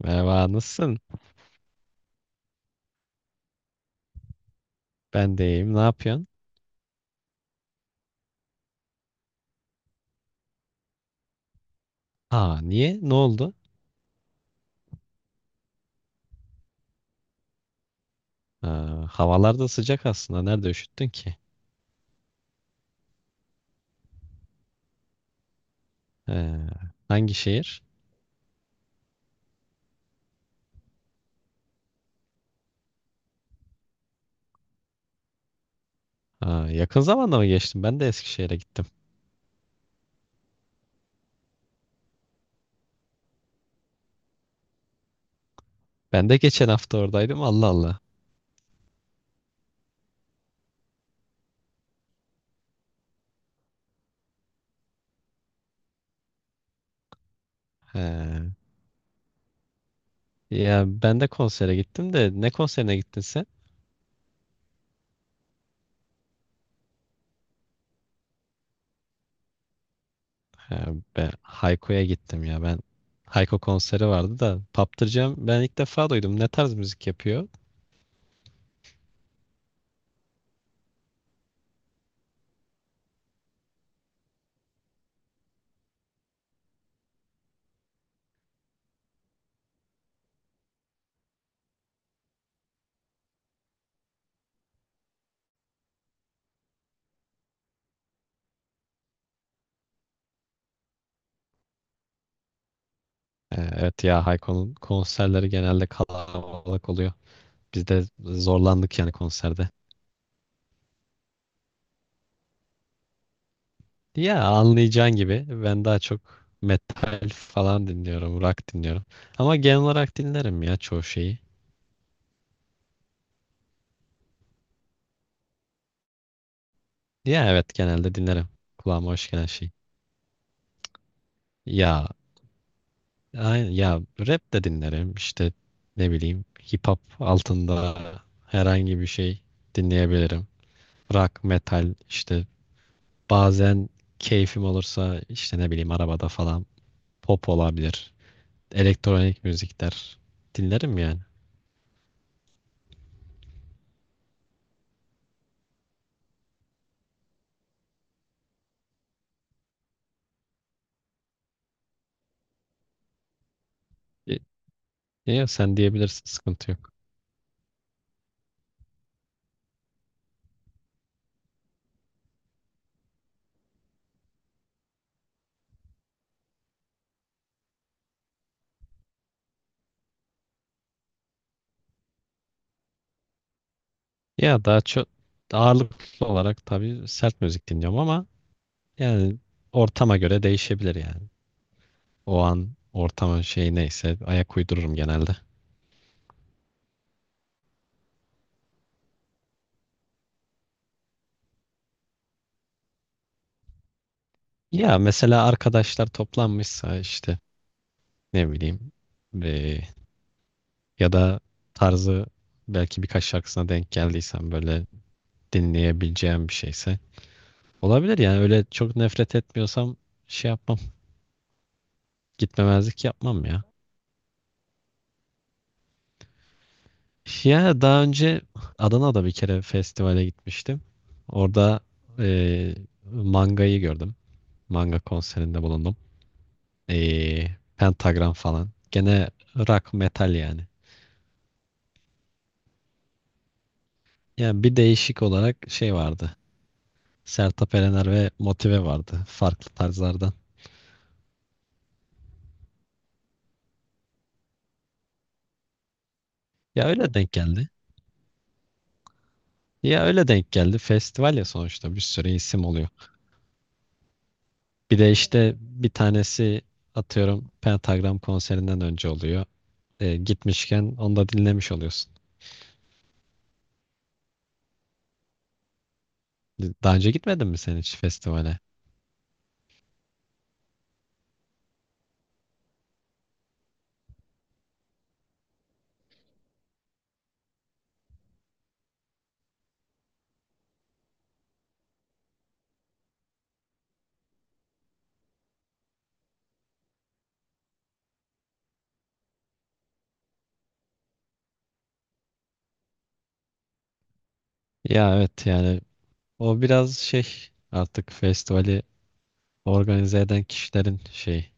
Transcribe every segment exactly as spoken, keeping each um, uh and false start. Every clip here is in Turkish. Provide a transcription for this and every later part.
Merhaba, nasılsın? Ben de iyiyim. Ne yapıyorsun? Aa, niye? Ne oldu? Aa, havalar da sıcak aslında. Nerede üşüttün ki? Ee, Hangi şehir? Aa, yakın zamanda mı geçtin? Ben de Eskişehir'e gittim. Ben de geçen hafta oradaydım. Allah Allah. Ee, Ya ben de konsere gittim de, ne konserine gittin sen? Ee, Ben Hayko'ya gittim ya. Ben Hayko konseri vardı da Paptıracağım. Ben ilk defa duydum. Ne tarz müzik yapıyor? Ee, evet, ya Hayko'nun konserleri genelde kalabalık oluyor. Biz de zorlandık yani konserde. Ya anlayacağın gibi ben daha çok metal falan dinliyorum, rock dinliyorum. Ama genel olarak dinlerim ya, çoğu şeyi. Ya evet, genelde dinlerim. Kulağıma hoş gelen şey. Ya aynen, ya rap de dinlerim. İşte ne bileyim, hip hop altında herhangi bir şey dinleyebilirim. Rock, metal işte, bazen keyfim olursa işte ne bileyim, arabada falan pop olabilir. Elektronik müzikler dinlerim yani. Ya, ya sen diyebilirsin, sıkıntı yok. Ya daha çok ağırlıklı olarak tabii sert müzik dinliyorum ama yani ortama göre değişebilir yani. O an ortamın şeyi neyse ayak uydururum genelde. Ya mesela arkadaşlar toplanmışsa, işte ne bileyim, eee, ya da tarzı, belki birkaç şarkısına denk geldiysem, böyle dinleyebileceğim bir şeyse olabilir yani, öyle çok nefret etmiyorsam şey yapmam, gitmemezlik yapmam ya. Ya daha önce Adana'da bir kere festivale gitmiştim. Orada eee, mangayı gördüm. Manga konserinde bulundum. Eee, Pentagram falan. Gene rock, metal yani. Yani bir değişik olarak şey vardı. Sertab Erener ve Motive vardı. Farklı tarzlardan. Ya öyle denk geldi. Ya öyle denk geldi. Festival ya sonuçta, bir sürü isim oluyor. Bir de işte bir tanesi atıyorum Pentagram konserinden önce oluyor. Eee, gitmişken onu da dinlemiş oluyorsun. Daha önce gitmedin mi sen hiç festivale? Ya evet yani, o biraz şey artık, festivali organize eden kişilerin şey,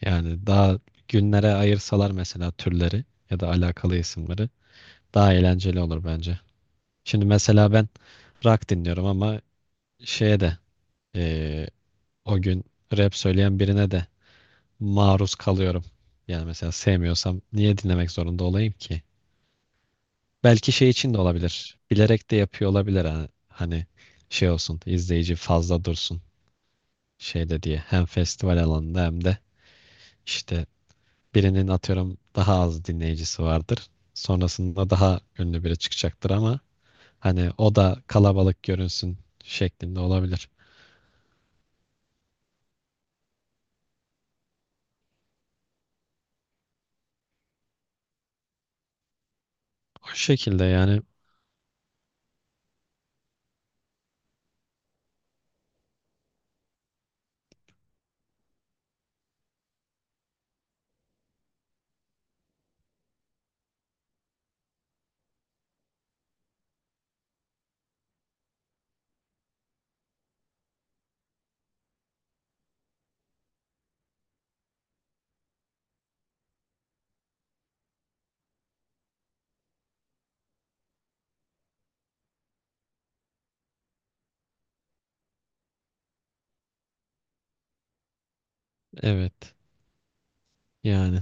yani daha günlere ayırsalar mesela türleri ya da alakalı isimleri, daha eğlenceli olur bence. Şimdi mesela ben rock dinliyorum ama şeye de, eee, o gün rap söyleyen birine de maruz kalıyorum. Yani mesela sevmiyorsam niye dinlemek zorunda olayım ki? Belki şey için de olabilir. Bilerek de yapıyor olabilir, ha- hani şey olsun, izleyici fazla dursun şeyde diye. Hem festival alanında hem de işte, birinin atıyorum daha az dinleyicisi vardır. Sonrasında daha ünlü biri çıkacaktır ama hani o da kalabalık görünsün şeklinde olabilir. O şekilde yani evet yani.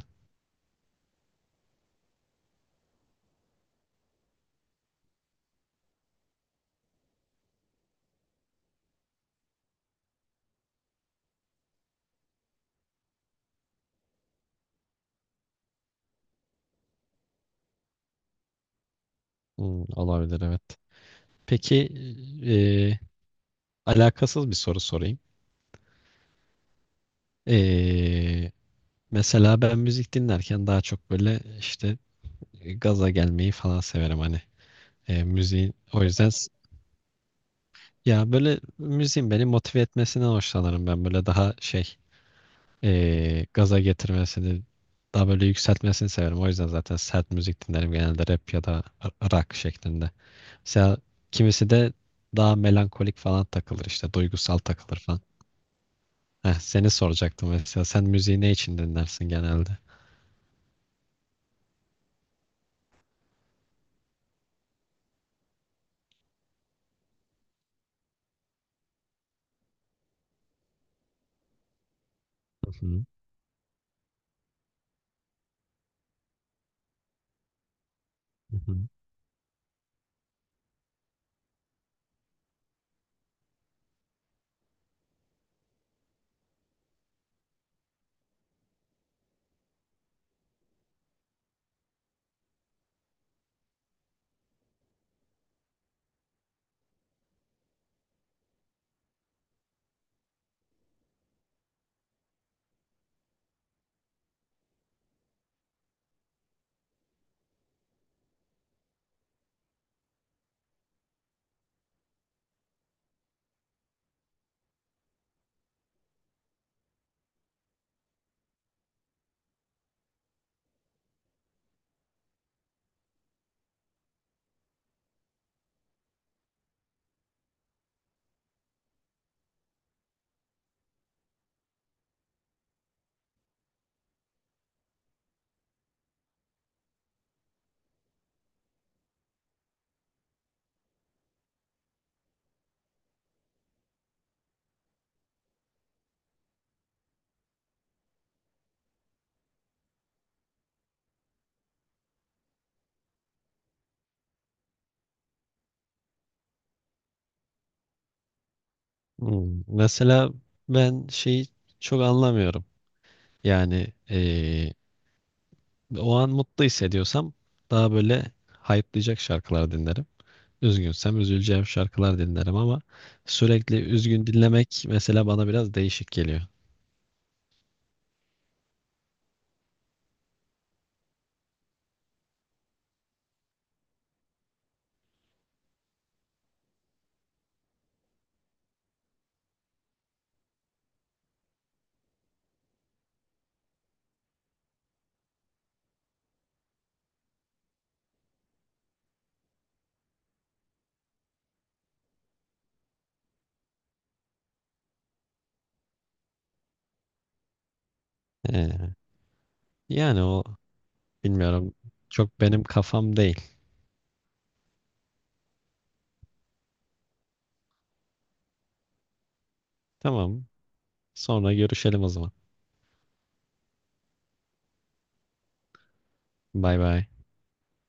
hmm, Olabilir, evet. Peki, e, alakasız bir soru sorayım. E, Mesela ben müzik dinlerken daha çok böyle işte gaza gelmeyi falan severim, hani e, müziğin o yüzden s- ya böyle müziğin beni motive etmesinden hoşlanırım, ben böyle daha şey, e, gaza getirmesini, daha böyle yükseltmesini severim, o yüzden zaten sert müzik dinlerim genelde, rap ya da r- rock şeklinde. Mesela kimisi de daha melankolik falan takılır işte, duygusal takılır falan. Heh, seni soracaktım mesela, sen müziği ne için dinlersin genelde? Hı hı. Hı hı. Hmm, Mesela ben şeyi çok anlamıyorum. Yani eee, o an mutlu hissediyorsam daha böyle hype'layacak şarkılar dinlerim. Üzgünsem üzüleceğim şarkılar dinlerim ama sürekli üzgün dinlemek mesela bana biraz değişik geliyor. Ee, Yani o, bilmiyorum, çok benim kafam değil. Tamam, sonra görüşelim o zaman. Bay bay.